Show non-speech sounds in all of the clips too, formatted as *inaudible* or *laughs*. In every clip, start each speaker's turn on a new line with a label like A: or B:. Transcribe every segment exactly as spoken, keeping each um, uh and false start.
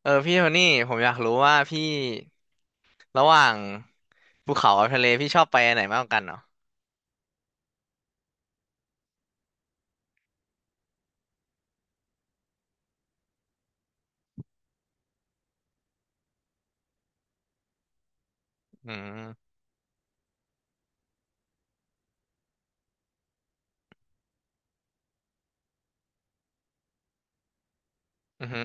A: เออพี่โทนี่ผมอยากรู้ว่าพี่ระหว่างภูเขากับทะเลพี่ชอบไปอันไหนมากกว่ากันเหรออืมอือฮึ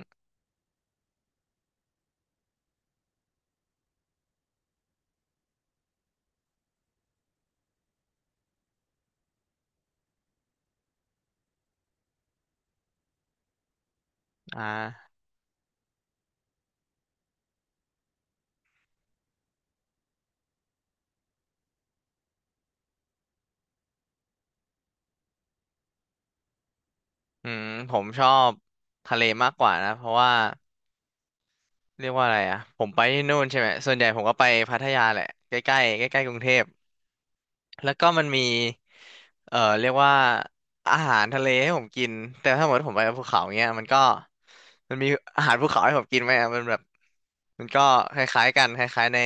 A: อ่าอืมผมชอบทะเลมากกว่านะเพราะว่าเรียกว่าอะไรอ่ะผมไปที่นู่นใช่ไหมส่วนใหญ่ผมก็ไปพัทยาแหละใกล้ใกล้ใกล้ใกล้ๆกรุงเทพแล้วก็มันมีเออเรียกว่าอาหารทะเลให้ผมกินแต่ถ้าหมดผมไปภูเขาเงี้ยมันก็มันมีอาหารภูเขาให้ผมกินไหมอะมันแบบมันก็คล้ายๆกันคล้ายๆใน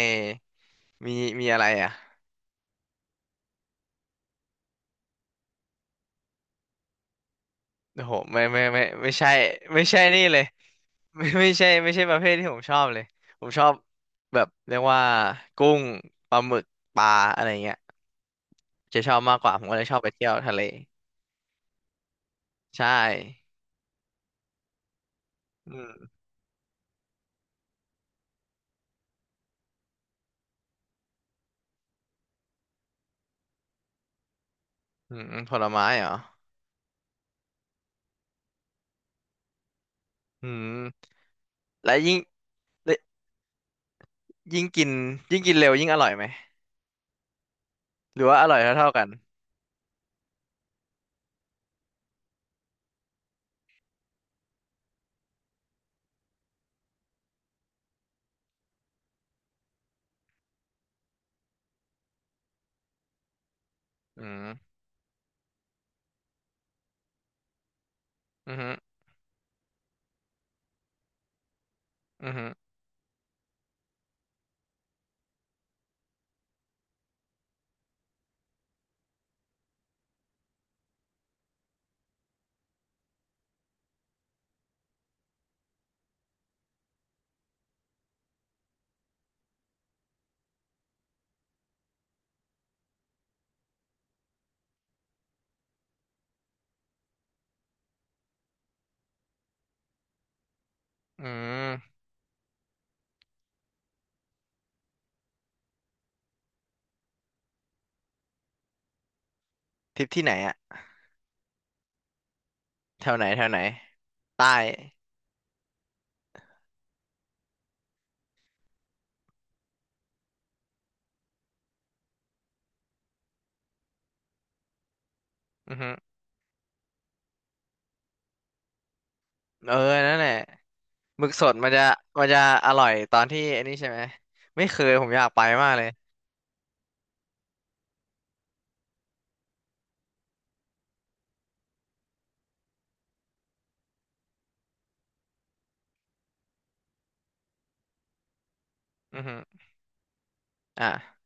A: มีมีอะไรอ่ะ โอ้โหไม่ไม่ไม่ไม่ใช่ไม่ใช่นี่เลย *laughs* ไม่ไม่ใช่ไม่ใช่ประเภทที่ผมชอบเลยผมชอบแบบเรียกว่ากุ้งปลาหมึกปลาอะไรเงี้ยจะชอบมากกว่าผมก็เลยชอบไปเที่ยวทะเลใช่อืมอืมผลไม้เหรออืมและยิ่งและยิ่งกินยิ่งกินเร็วยิ่งอร่อยไหมหรือว่าอร่อยเท่าเท่ากันอืมอือฮึอือฮึอืมทริปที่ไหนอะแถวไหนแถวไหนใต้อือฮึเออนั่นแหละ หมึกสดมันจะมันจะอร่อยตอนที่ไอันนี้ใช่ไหมไม่เคยผมอยากไปมากเลยอือฮึอ่า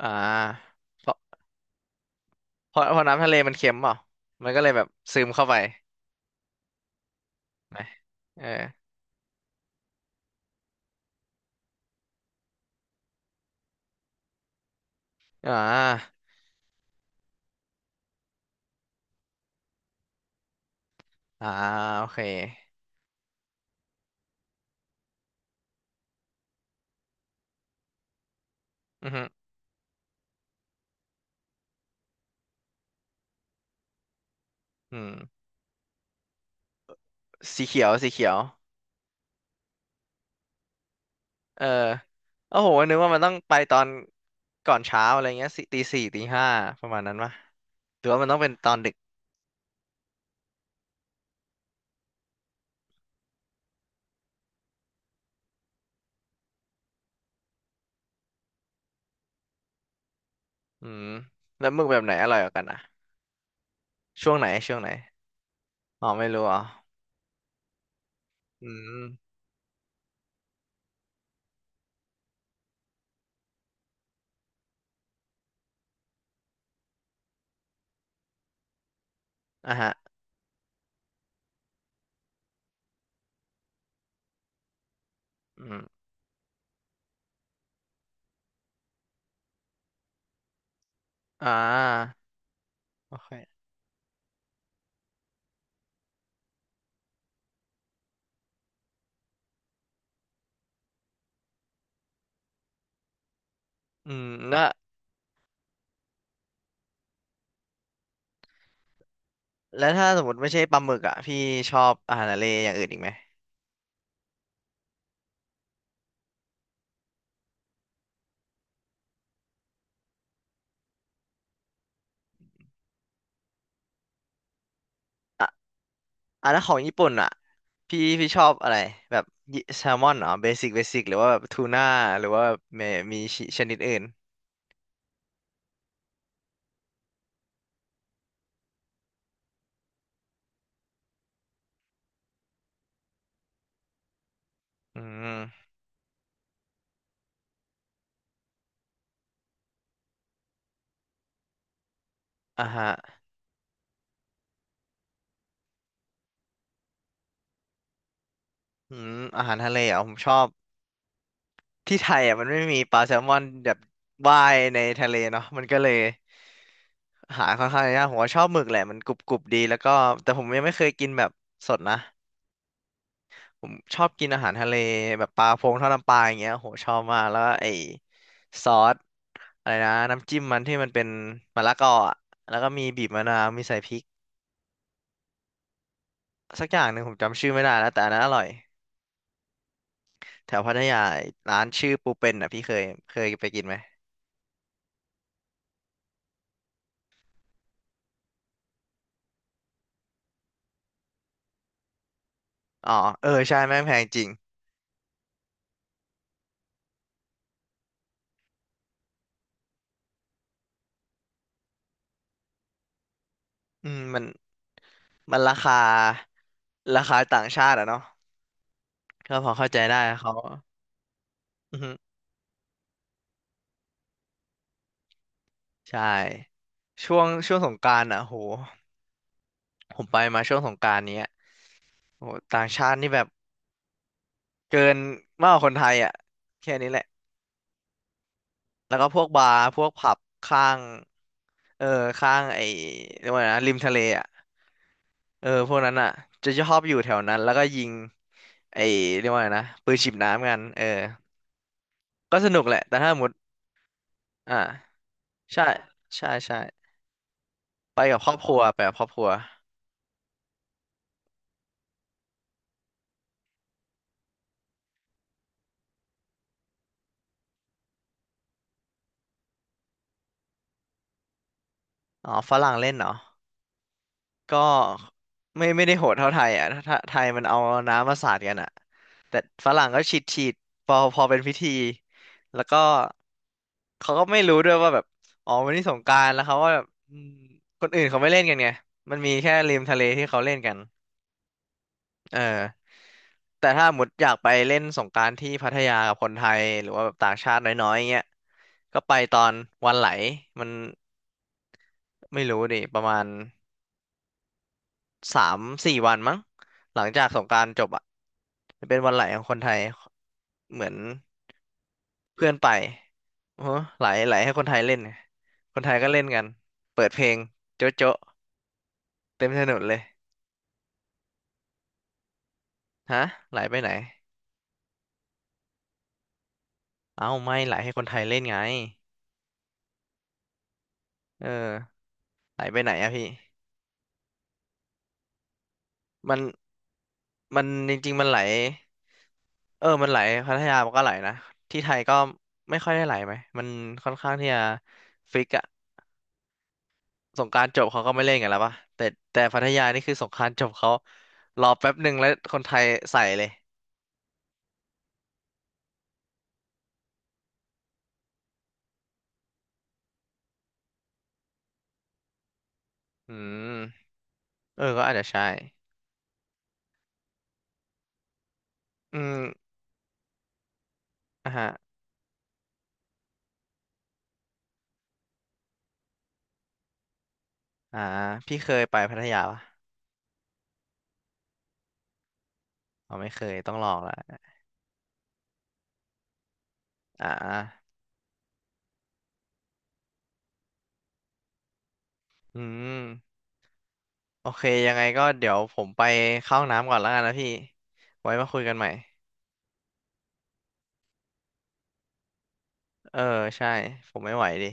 A: อ่าเพราะเพราะเพราะน้ำทะเลมันเค็มเปล่ามันก็เลยแบบซึมเข้าไปไหมเอออ่าอ่าโอเคอือฮึอืมสีเขียวสีเขียวเออโอ้โหนึกว่ามันต้องไปตอนก่อนเช้าอะไรเงี้ยสิตีสี่ตีห้าประมาณนั้นปะหรือว่ามันต้องเป็นตอนดึกอืมแล้วหมึกแบบไหนอร่อยกว่ากันอ่ะช่วงไหนช่วงไหนอ๋อไม่รู้อ๋ออืม อ่ะฮะอืมอ่าโอเค อืมแล้วแล้วถ้าสมมติไม่ใช่ปลาหมึกอ่ะพี่ชอบอาหารทะเลอย่างอื่นอีกไหมอ่ะอ่ะแล้วของญี่ปุ่นอ่ะ พี่พี่ชอบอะไรแบบ แซลมอนเหรอเบสิกเบสิกหรือว่าแบบทูน่าหรือว่าแบบมีมีชนิดอื่นอืมอ่ะฮะอืมอาหารทะเลอ่ะผมชอบที่ไทยอ่ะมันไม่มีปลาแซลมอนแบบว่ายในทะเลเนาะมันก็เลยหาค่อนข้างยากผมว่าชอบหมึกแหละมันกรุบกรุบดีแล้วก็แต่ผมยังไม่เคยกินแบบสดนะ ผมชอบกินอาหารทะเลแบบปลาพงทอดน้ำปลาอย่างเงี้ยโหชอบมาก แล้วก็ไอ้ซอสอะไรนะน้ำจิ้มมันที่มันเป็นมะละกออะแล้วก็มีบีบมะนาวมีใส่พริกสักอย่างหนึ่งผมจำชื่อไม่ได้แล้วแต่อันนั้นอร่อยแถวพัทยาร้านชื่อปูเป็นอ่ะพี่เคยเคยไปกินไหมอ๋อเออใช่แม่งแพงจริงอืมมันมันราคาราคาต่างชาติอะเนาะก็พอเข้าใจได้เขาอือฮึใช่ช่วงช่วงสงกรานต์อ่ะโหผมไปมาช่วงสงกรานต์เนี้ย โอ้โหต่างชาตินี่แบบเกินมากกว่าคนไทยอ่ะแค่นี้แหละแล้วก็พวกบาร์พวกผับข้างเออข้างไอ้เรียกว่าไงนะริมทะเลอ่ะเออพวกนั้นอ่ะจะชอบอยู่แถวนั้นแล้วก็ยิงไอ้เรียกว่าไงนะปืนฉีดน้ำกันเออก็สนุกแหละแต่ถ้าสมมติอ่าใช่ใช่ใช่ไปกับครอบครัวไปกับครอบครัวอ๋อฝรั่งเล่นเหรอ ก็ไม่ไม่ได้โหดเท่าไทยอ่ะถ้าถ้าไทยมันเอาน้ำมาสาดกันอ่ะแต่ฝรั่งก็ฉีดฉีดพอพอเป็นพิธีแล้วก็เขาก็ไม่รู้ด้วยว่าแบบอ๋อวันนี้สงกรานต์แล้วเขาว่าแบบอืมคนอื่นเขาไม่เล่นกันไงมันมีแค่ริมทะเลที่เขาเล่นกันเออแต่ถ้าหมดอยากไปเล่นสงกรานต์ที่พัทยากับคนไทยหรือว่าแบบต่างชาติน้อยๆเงี้ยก็ไปตอนวันไหลมันไม่รู้ดิประมาณ สามสี่วันมั้งหลังจากสงกรานต์จบอ่ะจะเป็นวันไหลของคนไทยเหมือนเพื่อนไปโอ้โหไหลไหลให้คนไทยเล่นไงคนไทยก็เล่นกันเปิดเพลงโจ๊ะโจ๊ะเต็มถนนเลยฮะไหลไปไหนเอ้าไม่ไหลให้คนไทยเล่นไงเออไหลไปไหนอะพี่มันมันจริงๆมันไหลเออมันไหลพัทยามันก็ไหลนะที่ไทยก็ไม่ค่อยได้ไหลไหมมันค่อนข้างที่จะฟิกอะ สงกรานต์จบเขาก็ไม่เล่นกันแล้วปะแต่แต่พัทยานี่คือสงกรานต์จบเขารอแป๊บหนึ่งแล้วคนไทยใส่เลยอืมเออก็อาจจะใช่อืมอ่ะฮะอ่าพี่เคยไปพัทยาปะอ๋อไม่เคยต้องลองละอ่าอืมโอเคยังไงก็เดี๋ยวผมไปเข้าห้องน้ำก่อนแล้วกันนะพี่ไว้มาคุยกันใหม่เออใช่ผมไม่ไหวดิ